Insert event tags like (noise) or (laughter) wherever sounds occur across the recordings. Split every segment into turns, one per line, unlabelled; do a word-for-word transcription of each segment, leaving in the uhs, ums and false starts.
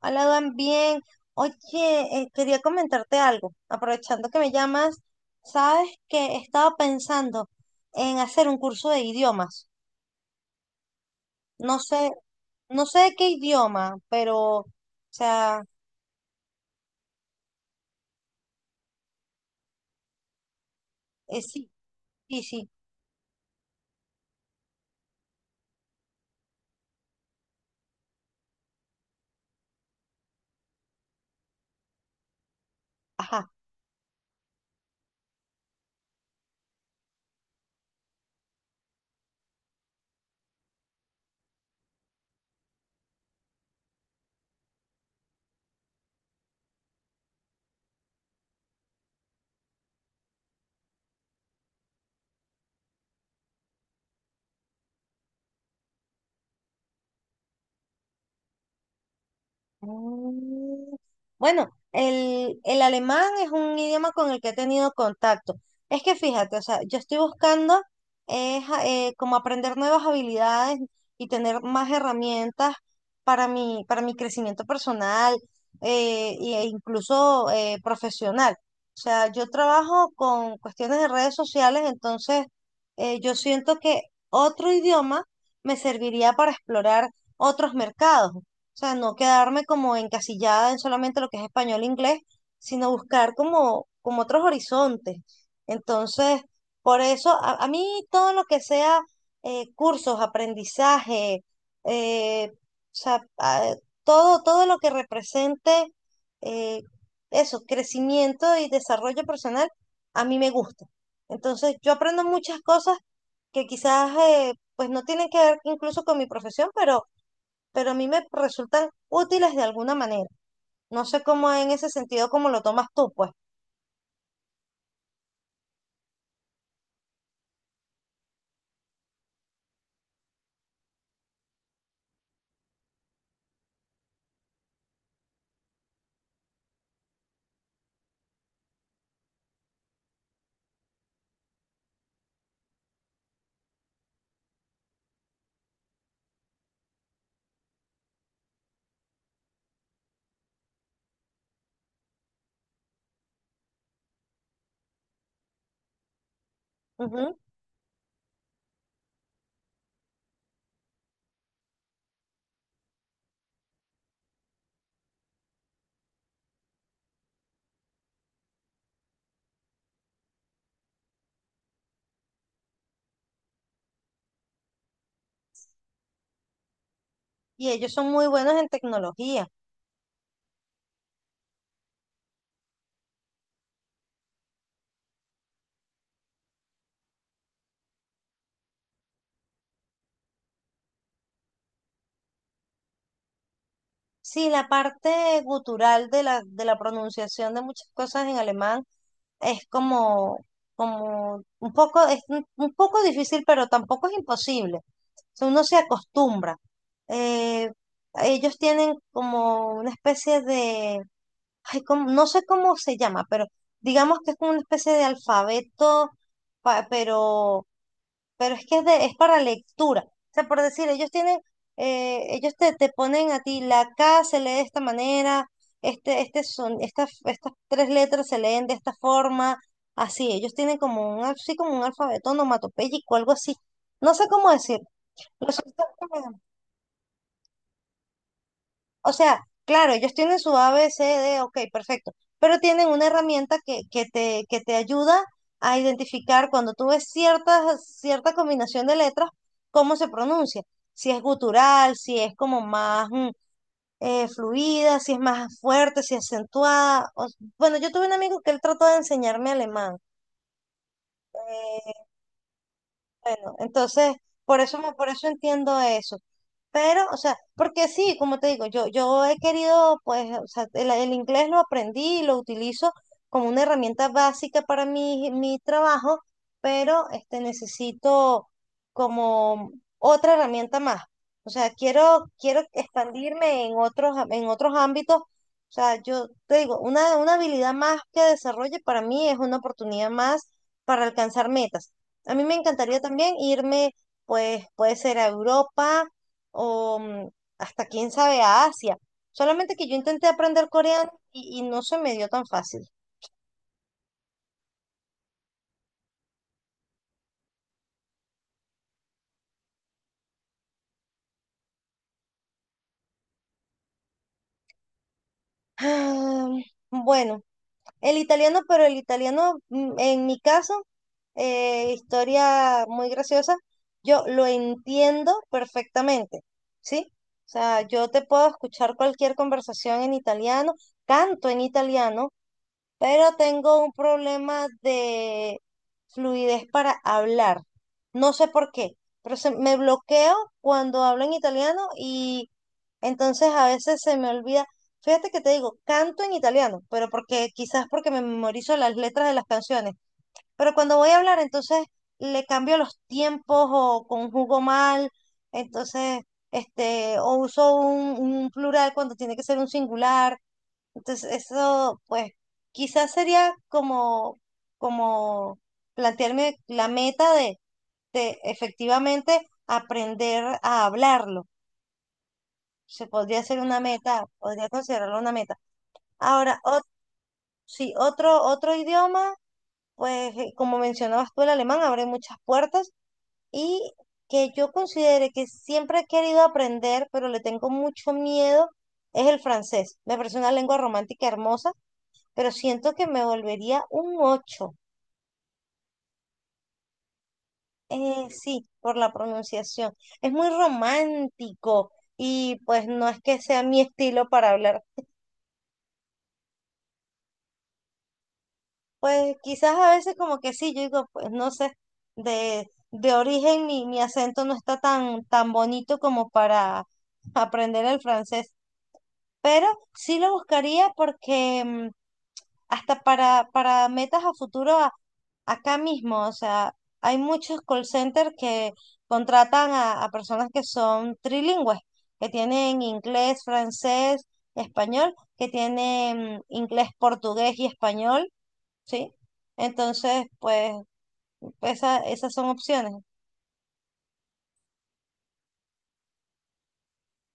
Hola, Dan, bien. Oye, eh, quería comentarte algo. Aprovechando que me llamas, sabes que estaba pensando en hacer un curso de idiomas. No sé, no sé de qué idioma, pero, o sea, eh, sí, sí, sí. Ajá. Mm, bueno, el, el alemán es un idioma con el que he tenido contacto. Es que fíjate, o sea, yo estoy buscando es, a- eh, como aprender nuevas habilidades y tener más herramientas para mi, para mi crecimiento personal, eh, y- e incluso, eh, profesional. O sea, yo trabajo con cuestiones de redes sociales, entonces, eh, yo siento que otro idioma me serviría para explorar otros mercados, sea, no quedarme como encasillada en solamente lo que es español e inglés, sino buscar como, como otros horizontes. Entonces, por eso, a, a mí todo lo que sea, eh, cursos, aprendizaje, eh, o sea, a- todo, todo lo que represente, eh, eso, crecimiento y desarrollo personal, a mí me gusta. Entonces, yo aprendo muchas cosas que quizás, eh, pues no tienen que ver incluso con mi profesión, pero pero a mí me resultan útiles de alguna manera. No sé cómo en ese sentido, cómo lo tomas tú, pues. Ujú. Y ellos son muy buenos en tecnología. Sí, la parte gutural de la, de la pronunciación de muchas cosas en alemán es como, como un poco, es un un poco difícil, pero tampoco es imposible. O sea, uno se acostumbra. Eh, Ellos tienen como una especie de, ay, cómo- no sé cómo se llama, pero digamos que es como una especie de alfabeto, pa- pero, pero es que es, de- es para lectura. O sea, por decir, ellos tienen, eh, ellos te, te ponen a ti, la K se lee de esta manera, este, este son, estas, estas tres letras se leen de esta forma, así, ellos tienen como un, así como un alfabeto onomatopéyico, algo así. No sé cómo decir. Resulta, o sea, claro, ellos tienen su A, B, C, D, ok, perfecto, pero tienen una herramienta que, que te, que te ayuda a identificar cuando tú ves ciertas, cierta combinación de letras, cómo se pronuncia, si es gutural, si es como más, mm, eh, fluida, si es más fuerte, si es acentuada. O- bueno, yo tuve un amigo que él trató de enseñarme alemán. Bueno, entonces, por eso, me- por eso entiendo eso. Pero, o sea, porque sí, como te digo, yo, yo he querido, pues, o sea, el, el inglés lo aprendí y lo utilizo como una herramienta básica para mi, mi trabajo, pero este, necesito como otra herramienta más. O sea, quiero, quiero expandirme en otros, a- en otros ámbitos. O sea, yo te digo, una, una habilidad más que desarrolle para mí es una oportunidad más para alcanzar metas. A mí me encantaría también irme, pues puede ser a Europa o, mm, hasta quién sabe a Asia. Solamente que yo intenté aprender coreano y, y no se me dio tan fácil. Ah, bueno, el italiano, pero el italiano, mm, en mi caso, eh, historia muy graciosa, yo lo entiendo perfectamente, ¿sí? O sea, yo te puedo escuchar cualquier conversación en italiano, canto en italiano, pero tengo un problema de fluidez para hablar. No sé por qué, pero se- me bloqueo cuando hablo en italiano y entonces a veces se me olvida. Fíjate que te digo, canto en italiano, pero porque quizás porque me memorizo las letras de las canciones. Pero cuando voy a hablar, entonces le cambio los tiempos o conjugo mal, entonces, este, o uso un, un plural cuando tiene que ser un singular. Entonces, eso, pues, quizás sería como, como plantearme la meta de, de efectivamente aprender a hablarlo. Se podría ser una meta, podría considerarlo una meta. Ahora, ot- sí, otro, otro idioma, pues, eh, como mencionabas tú, el alemán abre muchas puertas y que yo considere que siempre he querido aprender, pero le tengo mucho miedo, es el francés. Me parece una lengua romántica hermosa, pero siento que me volvería un ocho. Eh, sí, por la pronunciación. Es muy romántico y pues no es que sea mi estilo para hablar. Pues quizás a veces como que sí, yo digo, pues no sé, de, de origen mi, mi acento no está tan, tan bonito como para aprender el francés, pero sí lo buscaría porque, mm, hasta para, para metas a futuro acá mismo, o sea, hay muchos call centers que contratan a, a personas que son trilingües, que tienen inglés, francés, español, que tienen inglés, portugués y español, ¿sí? Entonces, pues esa, esas son opciones.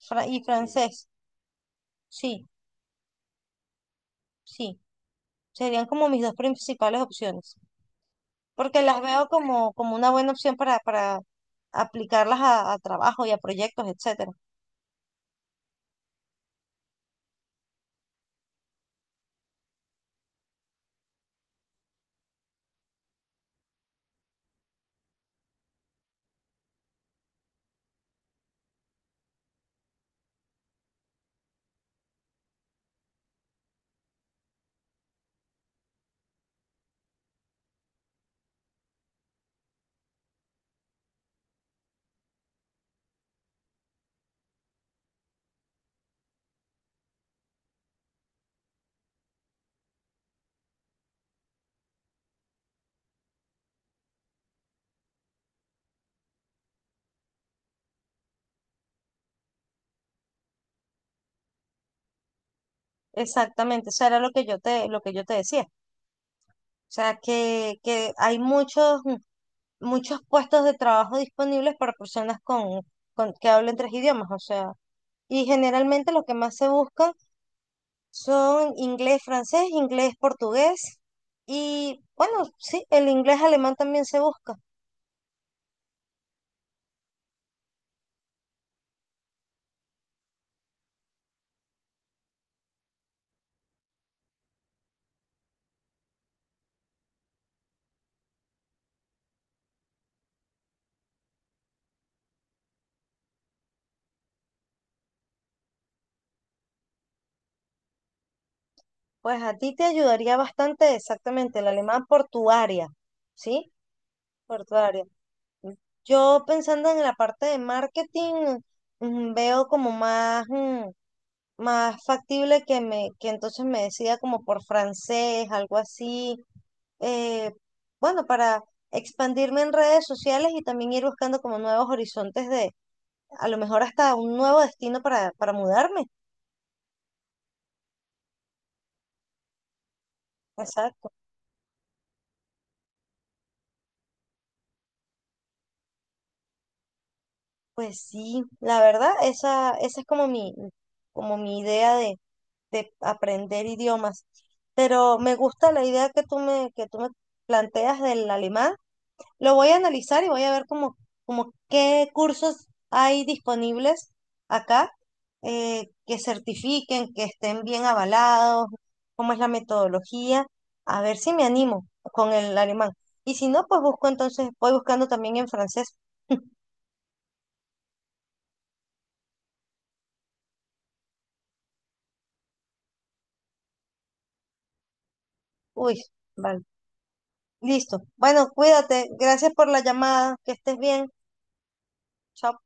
Fra- y sí. Francés, sí, sí. Serían como mis dos principales opciones, porque las veo como, como una buena opción para, para aplicarlas a, a trabajo y a proyectos, etcétera. Exactamente, eso era lo que yo te, lo que yo te decía. O sea, que, que hay muchos, muchos puestos de trabajo disponibles para personas con, con- que hablen tres idiomas. O sea, y generalmente lo que más se buscan son inglés, francés, inglés, portugués. Y bueno, sí, el inglés alemán también se busca. Pues a ti te ayudaría bastante exactamente el alemán portuaria, ¿sí? Portuaria. Yo pensando en la parte de marketing, mm, veo como más, mm, más factible que me, que entonces me decida como por francés, algo así. eh, bueno, para expandirme en redes sociales y también ir buscando como nuevos horizontes de, a lo mejor hasta un nuevo destino para, para mudarme. Exacto. Pues sí, la verdad, esa, esa es como mi, como mi idea de aprender idiomas. Pero me gusta la idea que tú me, que tú me planteas del alemán. Lo voy a analizar y voy a ver como, como qué cursos hay disponibles acá, eh, que certifiquen, que estén bien avalados, cómo es la metodología. A ver si me animo con el alemán. Y si no, pues busco entonces, voy buscando también en francés. (laughs) Uy, vale. Listo. Bueno, cuídate. Gracias por la llamada. Que estés bien. Chao.